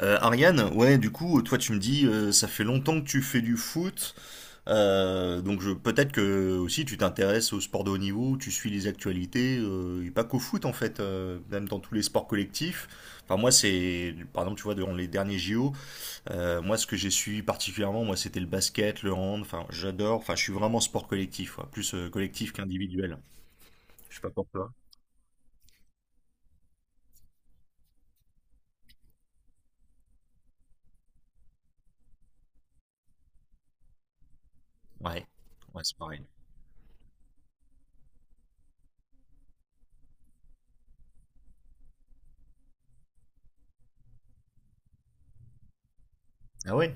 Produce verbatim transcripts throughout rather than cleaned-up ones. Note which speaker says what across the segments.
Speaker 1: Euh, Ariane, ouais, du coup, toi tu me dis, euh, ça fait longtemps que tu fais du foot, euh, donc je- peut-être que aussi tu t'intéresses au sport de haut niveau, tu suis les actualités, euh, et pas qu'au foot en fait, euh, même dans tous les sports collectifs. Enfin moi c'est, par exemple tu vois, dans les derniers J O, euh, moi ce que j'ai suivi particulièrement, moi c'était le basket, le hand, enfin j'adore, enfin je suis vraiment sport collectif, quoi, plus euh, collectif qu'individuel. Je sais pas pour toi. Ouais, ouais c'est pareil. Ah ouais,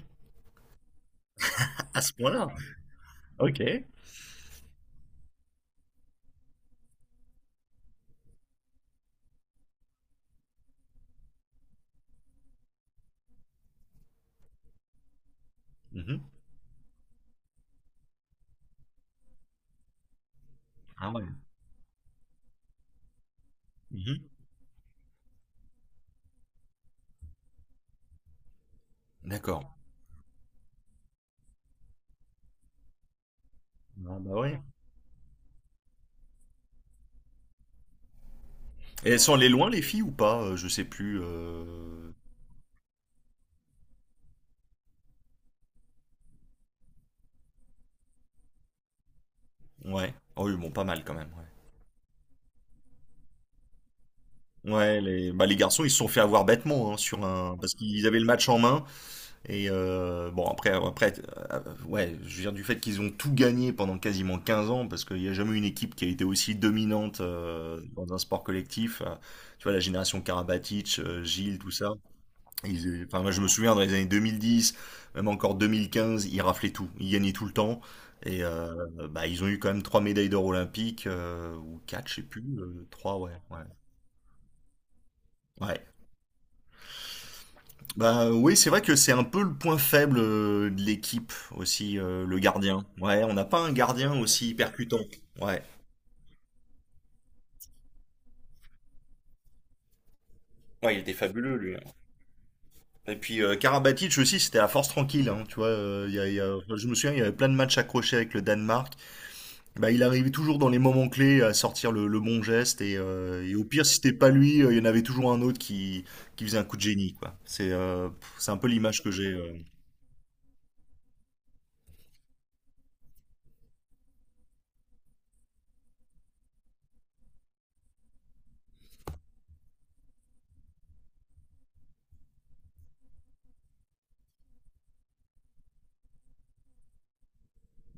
Speaker 1: à ce point-là. Ok. Mhm. Ah ouais. Mhm. D'accord. Non, bah ouais. Et elles sont allées loin, les filles, ou pas? Euh, je sais plus. euh, Ouais. Oh oui, bon, pas mal quand même. Ouais, Ouais, les... Bah, les garçons, ils se sont fait avoir bêtement hein, sur un... parce qu'ils avaient le match en main. Et euh, bon, après, euh, après euh, ouais, je viens du fait qu'ils ont tout gagné pendant quasiment quinze ans, parce qu'il n'y a jamais eu une équipe qui a été aussi dominante euh, dans un sport collectif. Euh, Tu vois, la génération Karabatic, euh, Gilles, tout ça. Ils, enfin, moi, je me souviens dans les années deux mille dix, même encore deux mille quinze, ils raflaient tout, ils gagnaient tout le temps. Et euh, Bah, ils ont eu quand même trois médailles d'or olympiques, euh, ou quatre, je sais plus, euh, trois, ouais, ouais. Ouais. Bah oui, c'est vrai que c'est un peu le point faible euh, de l'équipe aussi, euh, le gardien. Ouais, on n'a pas un gardien aussi percutant. Ouais. Ouais, il était fabuleux lui. Et puis euh, Karabatic aussi, c'était la force tranquille, hein, tu vois. Euh, il y a- il y a- enfin, je me souviens, il y avait plein de matchs accrochés avec le Danemark. Bah, il arrivait toujours dans les moments clés à sortir le, le bon geste et, euh, et au pire si c'était pas lui, euh, il y en avait toujours un autre qui, qui faisait un coup de génie quoi. C'est euh, pff, c'est un peu l'image que j'ai. euh.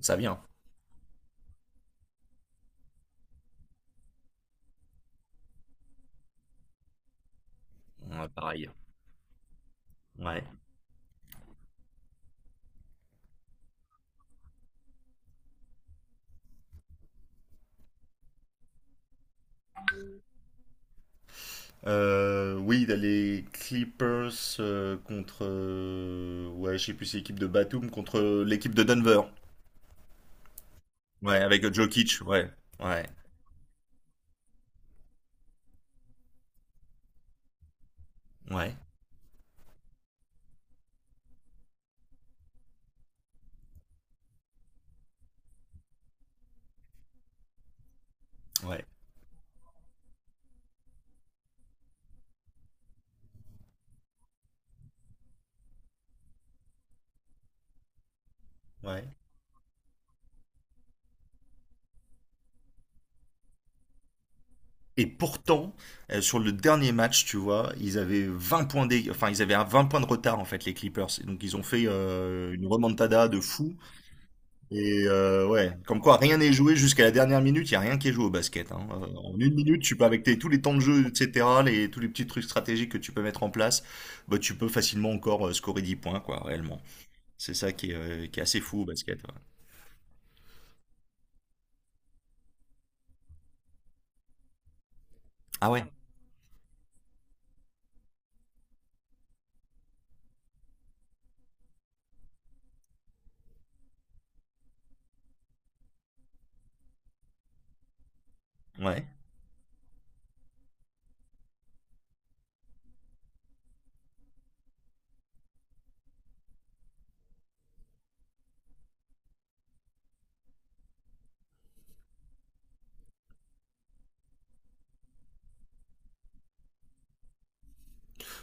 Speaker 1: Ça vient. Ouais, pareil. Ouais. Euh, oui, il y a les Clippers euh, contre euh, ouais, je sais plus si c'est l'équipe de Batum contre euh, l'équipe de Denver. Ouais, avec Jokic, ouais. Ouais. Ouais. Ouais. Ouais. Et pourtant, euh, sur le dernier match, tu vois, ils avaient vingt points d'é- enfin ils avaient un vingt points de retard en fait les Clippers. Et donc ils ont fait euh, une remontada de fou. Et euh, ouais, comme quoi rien n'est joué jusqu'à la dernière minute. Il y a rien qui est joué au basket, hein. Euh, en une minute, tu peux avec tes- tous les temps de jeu, et cetera, les, tous les petits trucs stratégiques que tu peux mettre en place, bah, tu peux facilement encore euh, scorer dix points quoi, réellement. C'est ça qui est, euh, qui est assez fou au basket, ouais. Ah ouais, ouais.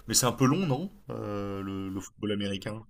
Speaker 1: Mais c'est un peu long, non, Euh, le, le football américain?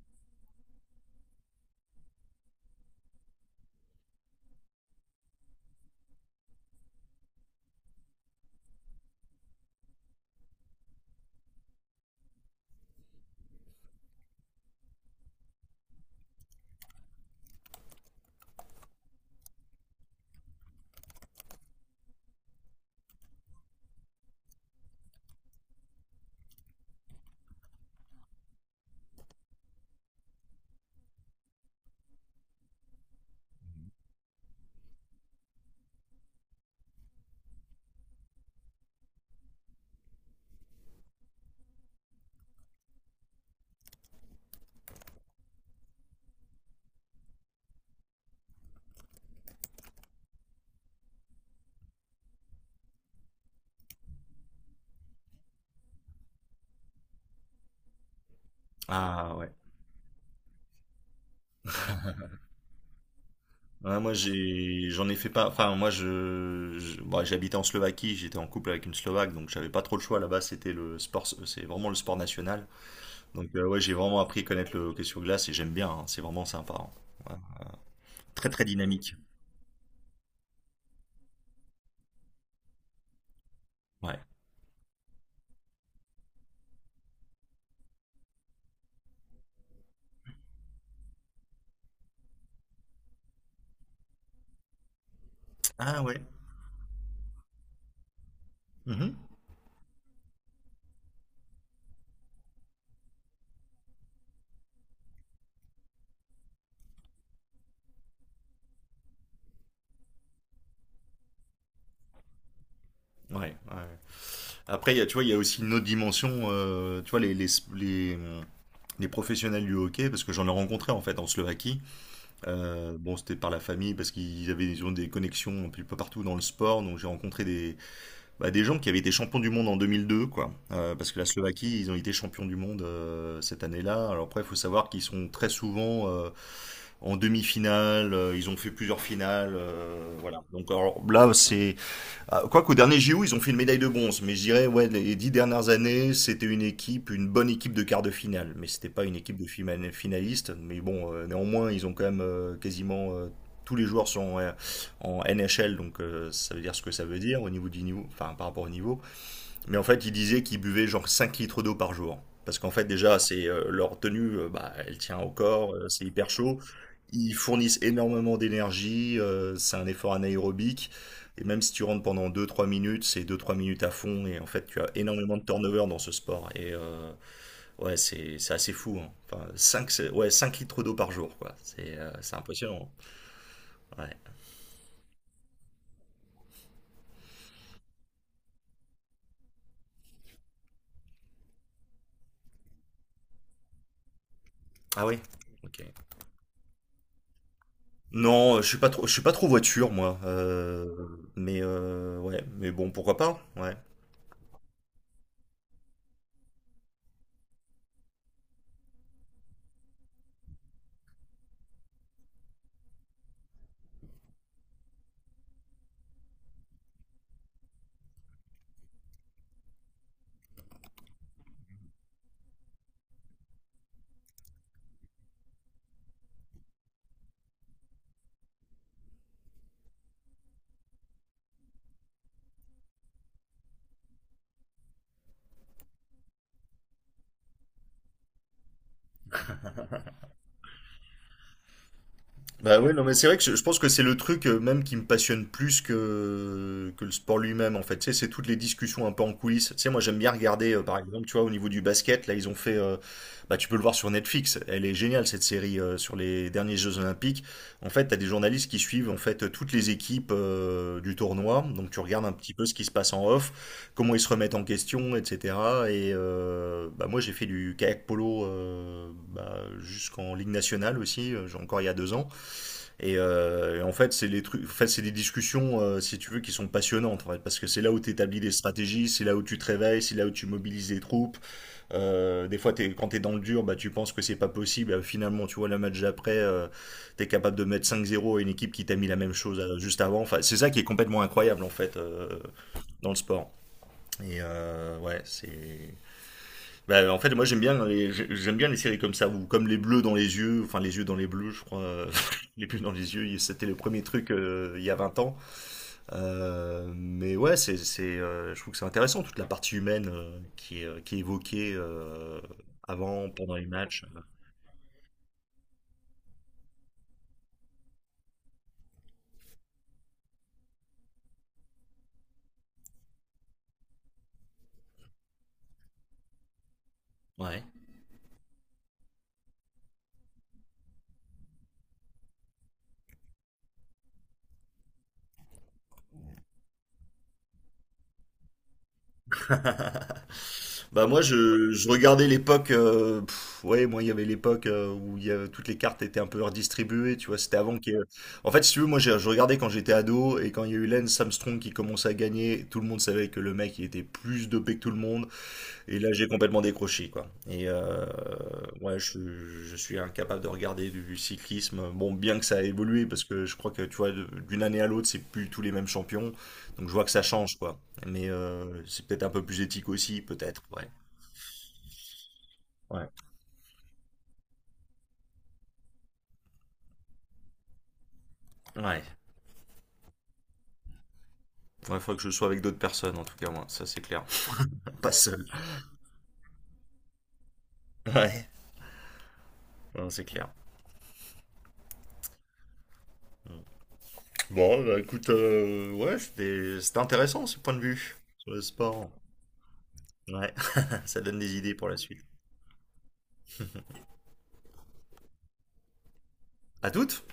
Speaker 1: Ah ouais. Ouais, moi j'ai j'en ai fait pas enfin moi je je- bon, j'habitais en Slovaquie, j'étais en couple avec une Slovaque donc j'avais pas trop le choix là-bas, c'était le sport c'est vraiment le sport national. Donc euh, ouais, j'ai vraiment appris à connaître le hockey sur glace et j'aime bien, hein, c'est vraiment sympa, hein. Ouais. Très très dynamique. Ouais. Ah ouais. Mhm. Ouais, ouais. Après, il y a, tu vois, il y a aussi une autre dimension, euh, tu vois, les, les, les, les professionnels du hockey, parce que j'en ai rencontré en fait en Slovaquie. Euh, bon, c'était par la famille parce qu'ils avaient ils ont des connexions un peu partout dans le sport. Donc j'ai rencontré des, bah, des gens qui avaient été champions du monde en deux mille deux, quoi. Euh, parce que la Slovaquie, ils ont été champions du monde euh, cette année-là. Alors après, il faut savoir qu'ils sont très souvent euh, en demi-finale. Euh, ils ont fait plusieurs finales. Euh, voilà. Donc alors, là, c'est ah, Quoique au dernier J O, ils ont fait une médaille de bronze, mais je dirais, ouais, les dix dernières années, c'était une équipe, une bonne équipe de quart de finale, mais c'était pas une équipe de fima- finalistes. Mais bon, euh, néanmoins, ils ont quand même euh, quasiment euh, tous les joueurs sont en, en N H L, donc euh, ça veut dire ce que ça veut dire au niveau du niveau, enfin par rapport au niveau. Mais en fait, ils disaient qu'ils buvaient genre cinq litres d'eau par jour. Parce qu'en fait, déjà, c'est euh, leur tenue, euh, bah, elle tient au corps, euh, c'est hyper chaud. Ils fournissent énormément d'énergie, euh, c'est un effort anaérobique. Et même si tu rentres pendant deux-trois minutes, c'est deux-trois minutes à fond. Et en fait, tu as énormément de turnover dans ce sport. Et euh, ouais, c'est c'est assez fou, hein. Enfin, cinq ouais, cinq litres d'eau par jour, quoi. C'est euh, c'est impressionnant. Ouais. Ah oui? Ok. Non, euh, je suis pas trop, je suis pas trop voiture moi, euh, mais euh, ouais, mais bon, pourquoi pas, ouais. Bah ouais, non mais c'est vrai que je je pense que c'est le truc euh, même qui me passionne plus que, que le sport lui-même en fait. Tu sais, c'est toutes les discussions un peu en coulisses. Tu sais, moi j'aime bien regarder euh, par exemple, tu vois, au niveau du basket, là ils ont fait, euh, bah tu peux le voir sur Netflix. Elle est géniale cette série euh, sur les derniers Jeux Olympiques. En fait, t'as des journalistes qui suivent en fait toutes les équipes euh, du tournoi. Donc tu regardes un petit peu ce qui se passe en off, comment ils se remettent en question, et cetera. Et euh, bah moi j'ai fait du kayak polo euh, bah, jusqu'en Ligue nationale aussi, euh, j'ai encore il y a deux ans. Et, euh, et en fait, c'est les trucs, en fait, c'est des discussions, euh, si tu veux, qui sont passionnantes, en fait, parce que c'est là où tu établis des stratégies, c'est là où tu te réveilles, c'est là où tu mobilises des troupes. Euh, des fois, t'es, quand t'es dans le dur, bah, tu penses que c'est pas possible. Et finalement, tu vois, le match d'après, euh, t'es capable de mettre cinq zéro à une équipe qui t'a mis la même chose euh, juste avant. Enfin, c'est ça qui est complètement incroyable, en fait, euh, dans le sport. Et euh, ouais, c'est bah, en fait, moi j'aime bien les j'aime bien les séries comme ça ou comme les bleus dans les yeux, enfin les yeux dans les bleus, je crois. Euh, les bleus dans les yeux, c'était le premier truc euh, il y a vingt ans. Euh, mais ouais, c'est c'est euh, je trouve que c'est intéressant toute la partie humaine euh, qui est euh, qui est évoquée euh, avant, pendant les matchs. Ouais. Bah moi je, je regardais l'époque, euh, pff, ouais moi il y avait l'époque euh, où il y avait- toutes les cartes étaient un peu redistribuées, tu vois, c'était avant que, en fait, si tu veux, moi j'ai- je regardais quand j'étais ado. Et quand il y a eu Lance Armstrong qui commençait à gagner, tout le monde savait que le mec il était plus dopé que tout le monde, et là, j'ai complètement décroché, quoi. Et euh, ouais, je, suis- je suis incapable de regarder du cyclisme. Bon, bien que ça a évolué, parce que je crois que, tu vois, de- d'une année à l'autre, c'est plus tous les mêmes champions. Donc, je vois que ça change, quoi. Mais euh, c'est peut-être un peu plus éthique aussi, peut-être. Ouais. Ouais. Ouais. Il faudrait que je sois avec d'autres personnes, en tout cas, moi. Ça, c'est clair. Pas seul. Ouais. Non, c'est clair. Bon, bah, écoute, euh, ouais, c'était c'était intéressant, ce point de vue sur le sport. Ouais. Ça donne des idées pour la suite. À toutes!